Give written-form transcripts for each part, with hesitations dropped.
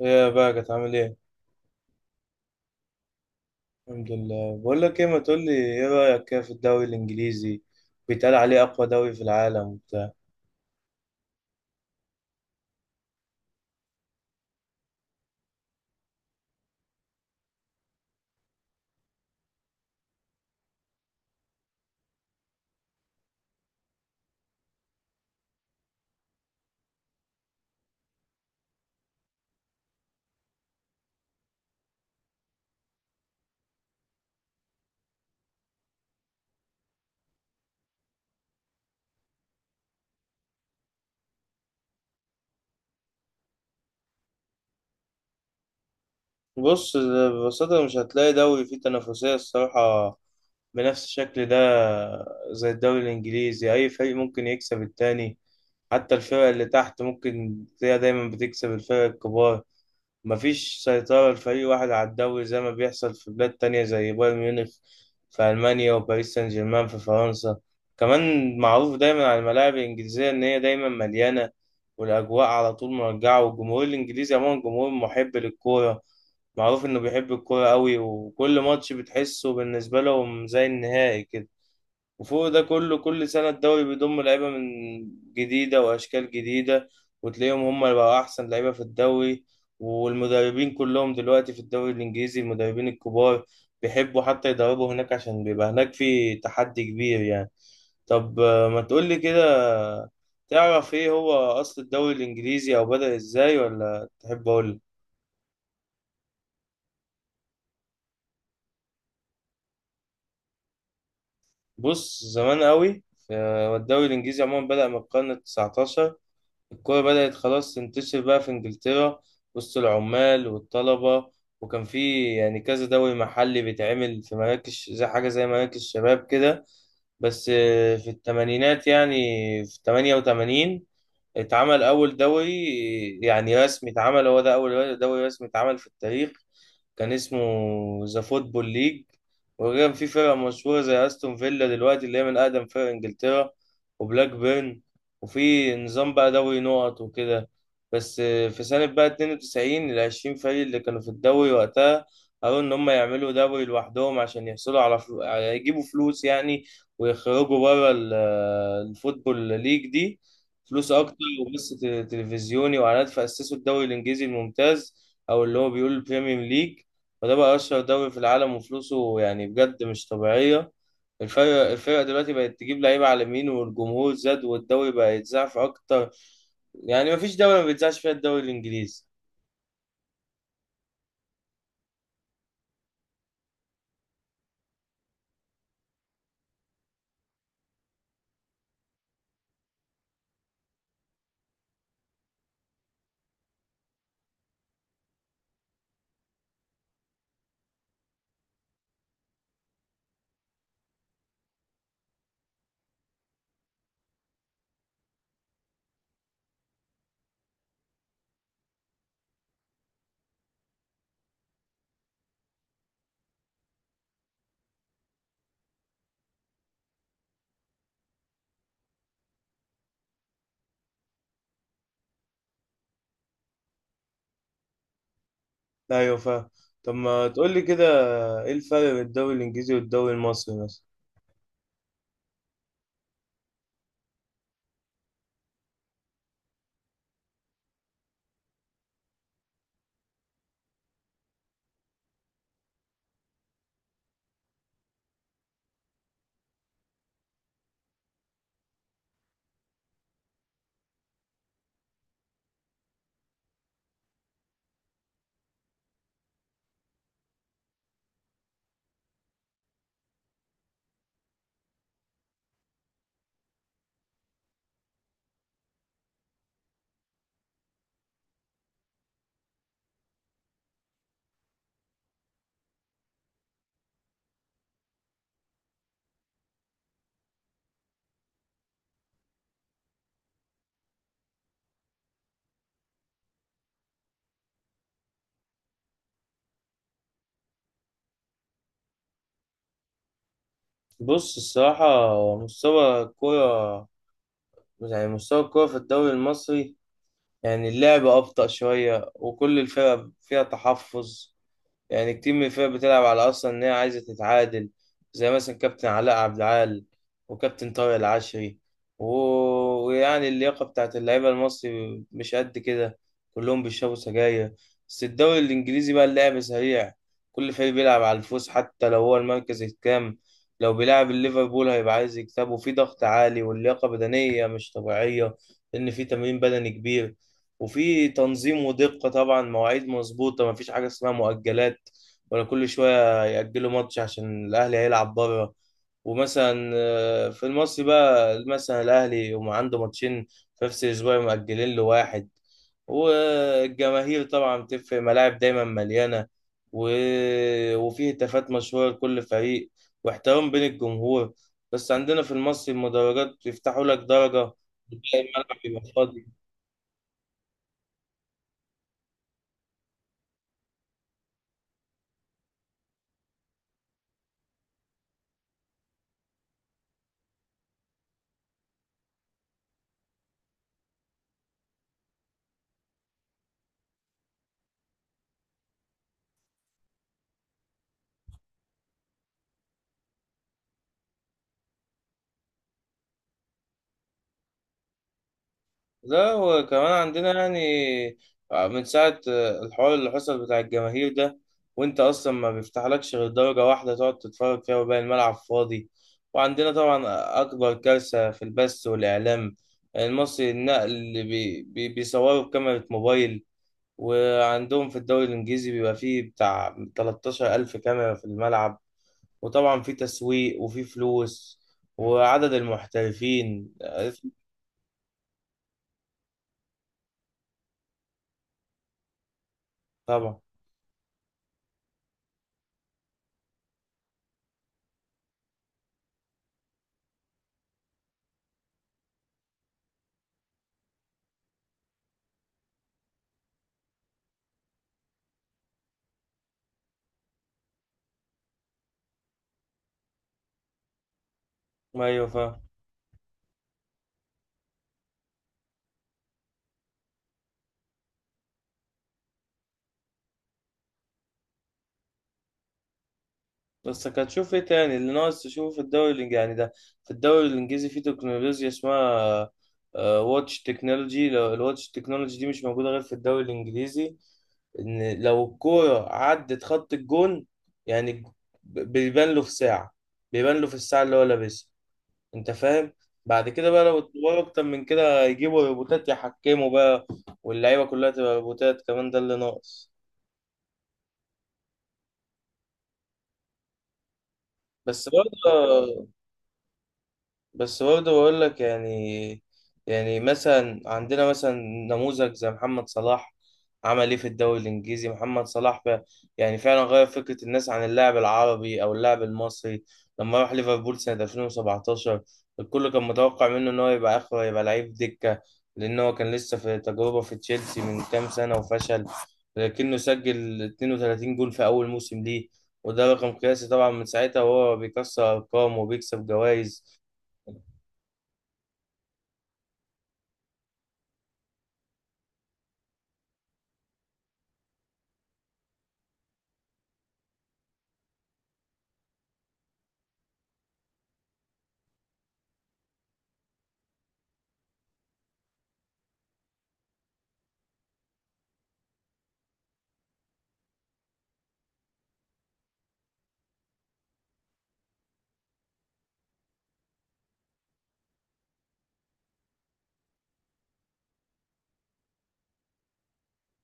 ايه يا بقى كانت عامل ايه؟ الحمد لله، بقول لك ايه، ما تقول لي ايه رأيك كده في الدوري الانجليزي؟ بيتقال عليه اقوى دوري في العالم وبتاع. بص، ببساطة مش هتلاقي دوري فيه تنافسية الصراحة بنفس الشكل ده. زي الدوري الانجليزي، اي فريق ممكن يكسب التاني، حتى الفرق اللي تحت ممكن تلاقيها دايما بتكسب الفرق الكبار. مفيش سيطرة لفريق واحد على الدوري زي ما بيحصل في بلاد تانية زي بايرن ميونخ في ألمانيا وباريس سان جيرمان في فرنسا. كمان معروف دايما على الملاعب الإنجليزية إن هي دايما مليانة، والأجواء على طول مرجعة، والجمهور الإنجليزي عموما جمهور محب للكورة، معروف إنه بيحب الكورة أوي، وكل ماتش بتحسه بالنسبة لهم زي النهائي كده. وفوق ده كله، كل سنة الدوري بيضم لعيبة من جديدة وأشكال جديدة، وتلاقيهم هم اللي بقوا أحسن لعيبة في الدوري. والمدربين كلهم دلوقتي في الدوري الإنجليزي، المدربين الكبار بيحبوا حتى يدربوا هناك عشان بيبقى هناك في تحدي كبير يعني. طب ما تقولي كده، تعرف إيه هو أصل الدوري الإنجليزي أو بدأ إزاي ولا تحب أقول؟ بص، زمان قوي، والدوري الإنجليزي عموما بدأ من القرن التسعتاشر. الكورة بدأت خلاص تنتشر بقى في إنجلترا وسط العمال والطلبة، وكان في يعني كذا دوري محلي بيتعمل في مراكز، زي حاجة زي مراكز شباب كده. بس في التمانينات يعني، في 88 اتعمل أول دوري يعني رسمي. اتعمل هو ده أول دوري رسمي اتعمل في التاريخ، كان اسمه ذا فوتبول ليج. وكان في فرق مشهورة زي أستون فيلا دلوقتي، اللي هي من أقدم فرق إنجلترا، وبلاك بيرن. وفي نظام بقى دوري نقط وكده. بس في سنة بقى 92، العشرين فريق اللي كانوا في الدوري وقتها قالوا إن هم يعملوا دوري لوحدهم عشان يحصلوا على يجيبوا فلوس يعني، ويخرجوا بره الفوتبول ليج دي، فلوس أكتر وبث تلفزيوني وإعلانات، فأسسوا الدوري الإنجليزي الممتاز أو اللي هو بيقول البريمير ليج. وده بقى أشهر دوري في العالم وفلوسه يعني بجد مش طبيعية. الفرق دلوقتي بقت تجيب لعيبة على اليمين، والجمهور زاد، والدوري بقى يتذاع في أكتر، يعني مفيش دولة ما بيتذاعش فيها الدوري الإنجليزي. أيوة، فاهم. طب ما تقول لي كده، إيه الفرق بين الدوري الإنجليزي والدوري المصري مثلا؟ بص الصراحة، مستوى الكورة، يعني مستوى الكورة في الدوري المصري، يعني اللعب أبطأ شوية وكل الفرق فيها تحفظ، يعني كتير من الفرق بتلعب على اصلا ان هي عايزه تتعادل، زي مثلا كابتن علاء عبد العال وكابتن طارق العشري و... ويعني اللياقه بتاعت اللعيبه المصري مش قد كده، كلهم بيشربوا سجاير. بس الدوري الانجليزي بقى اللعب سريع، كل فريق بيلعب على الفوز حتى لو هو المركز الكام. لو بيلعب الليفربول هيبقى عايز يكسبه، في ضغط عالي، واللياقه بدنيه مش طبيعيه لان في تمرين بدني كبير. وفي تنظيم ودقة، طبعا مواعيد مظبوطة، مفيش حاجة اسمها مؤجلات، ولا كل شوية يأجلوا ماتش عشان الأهلي هيلعب بره. ومثلا في المصري بقى مثلا الأهلي يقوم عنده ماتشين في نفس الأسبوع مأجلين له واحد. والجماهير طبعا بتفرق، ملاعب دايما مليانة و... وفيه هتافات مشهورة لكل فريق واحترام بين الجمهور. بس عندنا في المصري، المدرجات بيفتحوا لك درجة وتلاقي الملعب بيبقى فاضي. لا، وكمان عندنا يعني من ساعة الحوار اللي حصل بتاع الجماهير ده، وانت اصلا ما بيفتحلكش غير درجة واحدة تقعد تتفرج فيها وباقي الملعب فاضي. وعندنا طبعا اكبر كارثة في البث والاعلام المصري، النقل اللي بي بي بيصوروا بكاميرا موبايل. وعندهم في الدوري الانجليزي بيبقى فيه بتاع 13 الف كاميرا في الملعب، وطبعا في تسويق وفي فلوس، وعدد المحترفين طبعا. ايوه، فاهم. بس هتشوف ايه تاني اللي ناقص تشوفه في الدوري الانجليزي يعني؟ ده في الدوري الانجليزي في تكنولوجيا اسمها واتش تكنولوجي. لو الواتش تكنولوجي دي مش موجودة غير في الدوري الانجليزي، ان لو الكورة عدت خط الجون يعني، بيبان له في ساعة، بيبان له في الساعة اللي هو لابسها، انت فاهم؟ بعد كده بقى لو اتطوروا اكتر من كده يجيبوا روبوتات يحكموا بقى، واللعيبة كلها تبقى روبوتات كمان، ده اللي ناقص. بس برضه بس برضه بقول لك يعني، يعني مثلا عندنا مثلا نموذج زي محمد صلاح، عمل ايه في الدوري الانجليزي محمد صلاح؟ يعني فعلا غير فكره الناس عن اللاعب العربي او اللاعب المصري. لما راح ليفربول سنه 2017، الكل كان متوقع منه ان هو يبقى اخره يبقى لعيب دكه، لان هو كان لسه في تجربه في تشيلسي من كام سنه وفشل. لكنه سجل 32 جول في اول موسم ليه، وده رقم قياسي طبعا، من ساعتها وهو بيكسر ارقام وبيكسب جوائز.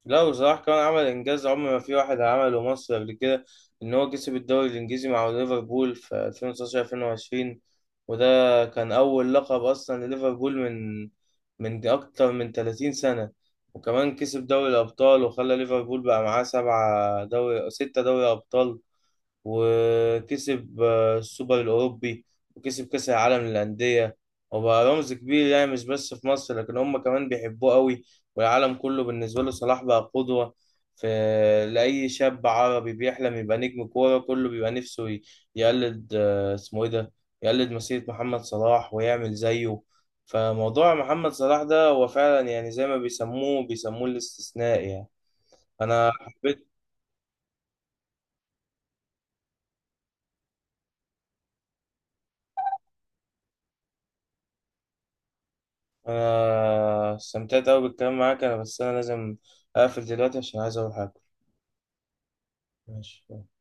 لا، وصلاح كان عمل انجاز عمر ما في واحد عمله مصر قبل كده، ان هو كسب الدوري الانجليزي مع ليفربول في 2019 2020، وده كان اول لقب اصلا لليفربول من اكتر من 30 سنة. وكمان كسب دوري الابطال، وخلى ليفربول بقى معاه سبعة دوري ستة دوري ابطال. وكسب السوبر الأوروبي، وكسب كأس العالم للأندية. وبقى رمز كبير، يعني مش بس في مصر لكن هم كمان بيحبوه قوي، والعالم كله بالنسبة له صلاح بقى قدوة في لأي شاب عربي بيحلم يبقى نجم كورة. كله بيبقى نفسه يقلد اسمه إيه ده، يقلد مسيرة محمد صلاح ويعمل زيه. فموضوع محمد صلاح ده هو فعلا، يعني زي ما بيسموه الاستثناء يعني. أنا انا استمتعت قوي بالكلام معاك، انا بس انا لازم اقفل دلوقتي عشان عايز اروح اكل. ماشي.